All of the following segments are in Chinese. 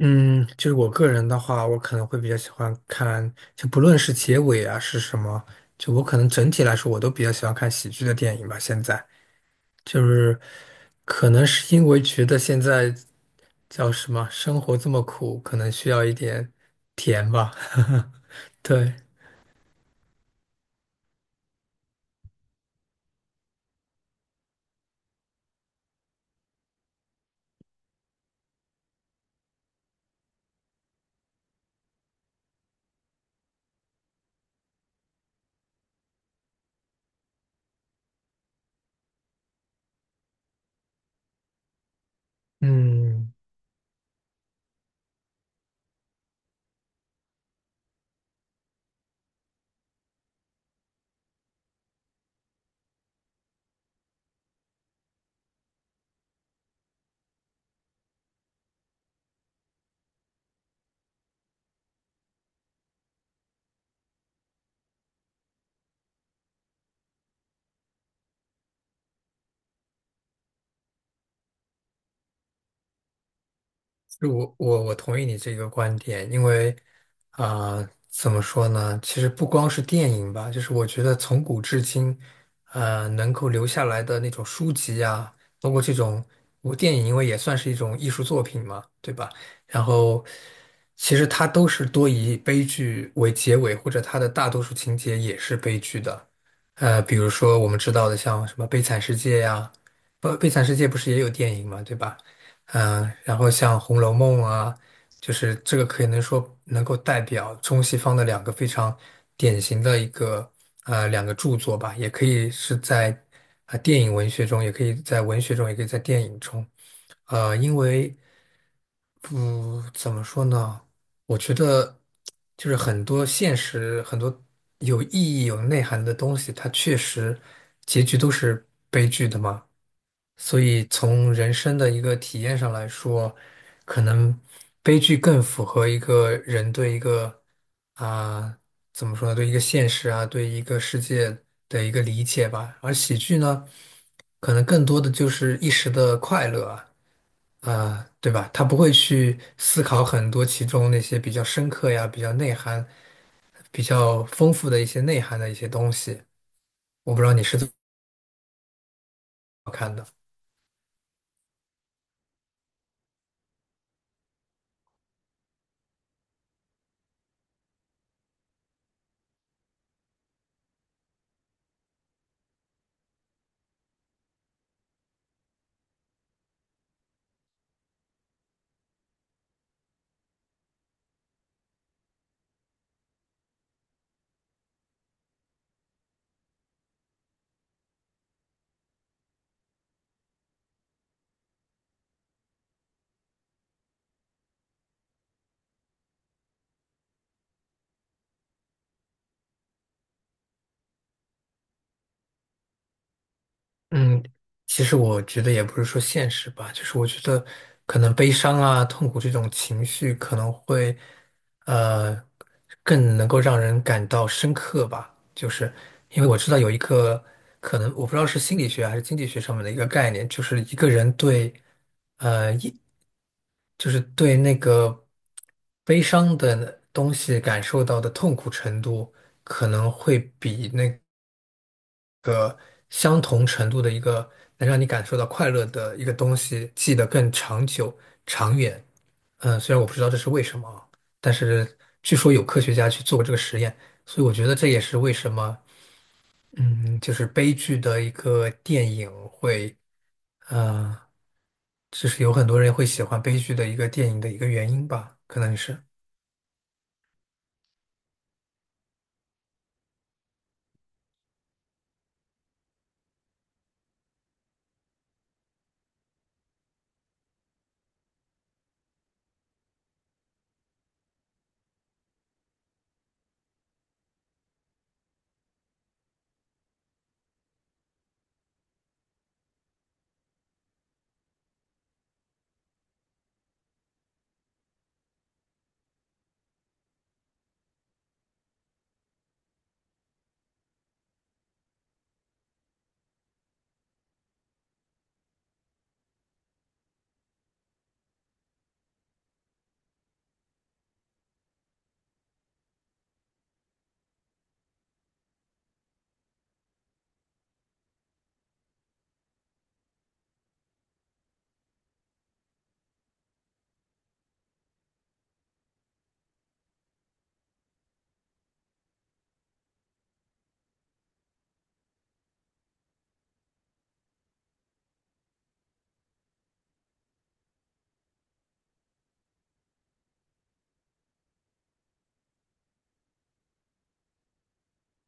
嗯，就是我个人的话，我可能会比较喜欢看，就不论是结尾啊是什么，我可能整体来说，我都比较喜欢看喜剧的电影吧。现在就是可能是因为觉得现在叫什么，生活这么苦，可能需要一点甜吧。对，嗯。是我同意你这个观点，因为怎么说呢？其实不光是电影吧，就是我觉得从古至今，能够留下来的那种书籍啊，包括这种我电影，因为也算是一种艺术作品嘛，对吧？然后其实它都是多以悲剧为结尾，或者它的大多数情节也是悲剧的。比如说我们知道的像什么《悲惨世界》呀，不，《悲惨世界》不是也有电影嘛，对吧？嗯，然后像《红楼梦》啊，就是这个可以能说能够代表中西方的两个非常典型的一个两个著作吧，也可以是在电影文学中，也可以在文学中，也可以在电影中。因为不怎么说呢，我觉得就是很多现实、很多有意义、有内涵的东西，它确实结局都是悲剧的嘛。所以从人生的一个体验上来说，可能悲剧更符合一个人对一个啊、怎么说呢，对一个现实啊，对一个世界的一个理解吧。而喜剧呢，可能更多的就是一时的快乐啊，对吧？他不会去思考很多其中那些比较深刻呀、比较内涵、比较丰富的一些内涵的一些东西。我不知道你是怎么看的。嗯，其实我觉得也不是说现实吧，就是我觉得可能悲伤啊、痛苦这种情绪可能会，呃，更能够让人感到深刻吧。就是因为我知道有一个可能，我不知道是心理学还是经济学上面的一个概念，就是一个人对，呃，一就是对那个悲伤的东西感受到的痛苦程度，可能会比那相同程度的一个能让你感受到快乐的一个东西，记得更长久、长远。嗯，虽然我不知道这是为什么啊，但是据说有科学家去做过这个实验，所以我觉得这也是为什么，嗯，就是悲剧的一个电影会，呃，就是有很多人会喜欢悲剧的一个电影的一个原因吧，可能是。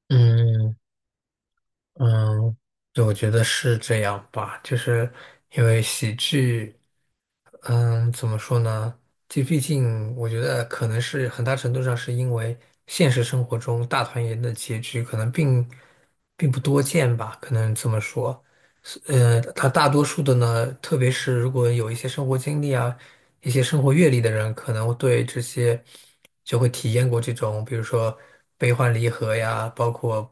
嗯。嗯，对，我觉得是这样吧，就是因为喜剧，嗯，怎么说呢？这毕竟我觉得可能是很大程度上是因为现实生活中大团圆的结局可能并不多见吧，可能这么说。是呃，它大多数的呢，特别是如果有一些生活经历啊。一些生活阅历的人，可能对这些就会体验过这种，比如说悲欢离合呀，包括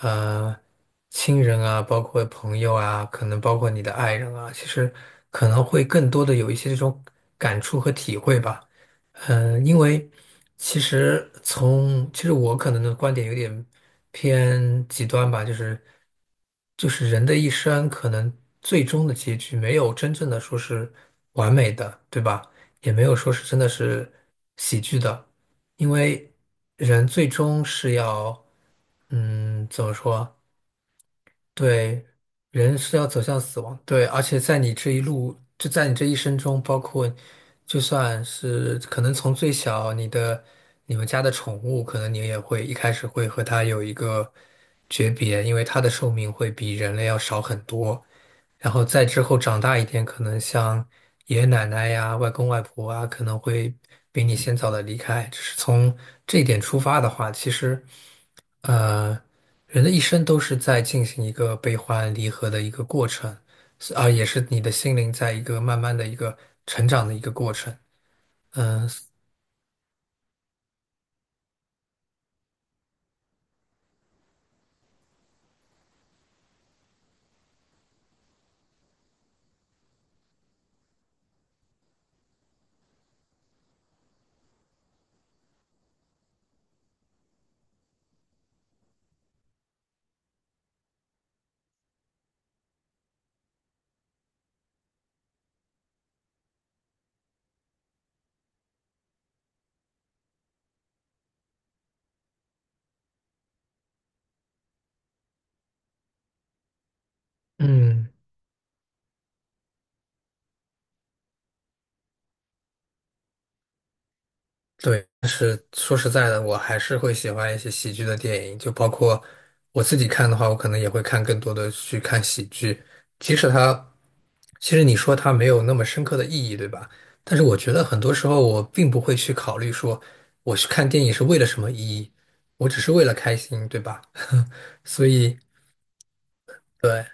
呃亲人啊，包括朋友啊，可能包括你的爱人啊，其实可能会更多的有一些这种感触和体会吧。嗯，因为其实从其实我可能的观点有点偏极端吧，就是人的一生可能最终的结局没有真正的说是完美的，对吧？也没有说是真的是喜剧的，因为人最终是要怎么说？对，人是要走向死亡，对，而且在你这一路，就在你这一生中，包括就算是可能从最小你的你们家的宠物，可能你也会一开始会和它有一个诀别，因为它的寿命会比人类要少很多。然后再之后长大一点，可能像爷爷奶奶呀、外公外婆啊，可能会比你先早的离开。只是从这一点出发的话，其实，呃，人的一生都是在进行一个悲欢离合的一个过程，是啊，也是你的心灵在一个慢慢的一个成长的一个过程。嗯。对，但是说实在的，我还是会喜欢一些喜剧的电影，就包括我自己看的话，我可能也会看更多的去看喜剧，即使它，其实你说它没有那么深刻的意义，对吧？但是我觉得很多时候我并不会去考虑说我去看电影是为了什么意义，我只是为了开心，对吧？所以，对，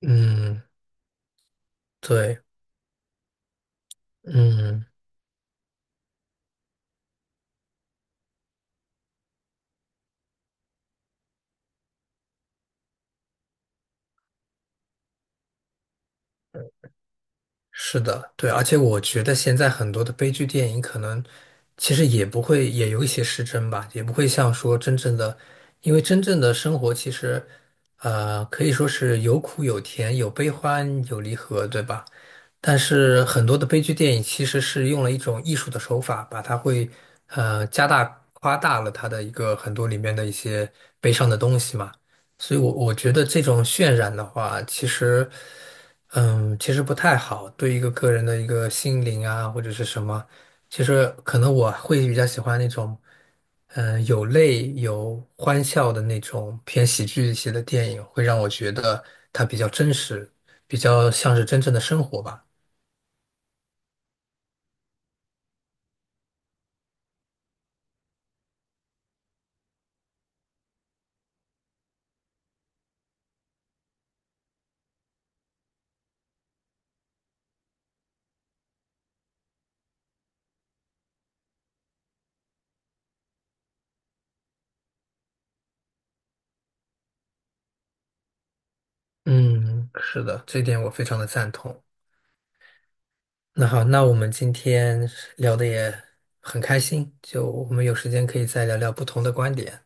嗯，对，嗯。是的，对，而且我觉得现在很多的悲剧电影可能其实也不会，也有一些失真吧，也不会像说真正的，因为真正的生活其实，可以说是有苦有甜，有悲欢，有离合，对吧？但是很多的悲剧电影其实是用了一种艺术的手法，把它会加大夸大了它的一个很多里面的一些悲伤的东西嘛。所以我，我觉得这种渲染的话，其实嗯，其实不太好，对一个个人的一个心灵啊或者是什么，其实可能我会比较喜欢那种有泪有欢笑的那种偏喜剧一些的电影，会让我觉得它比较真实，比较像是真正的生活吧。嗯，是的，这点我非常的赞同。那好，那我们今天聊的也很开心，就我们有时间可以再聊聊不同的观点。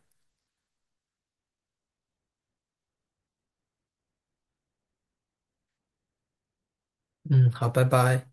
嗯，好，拜拜。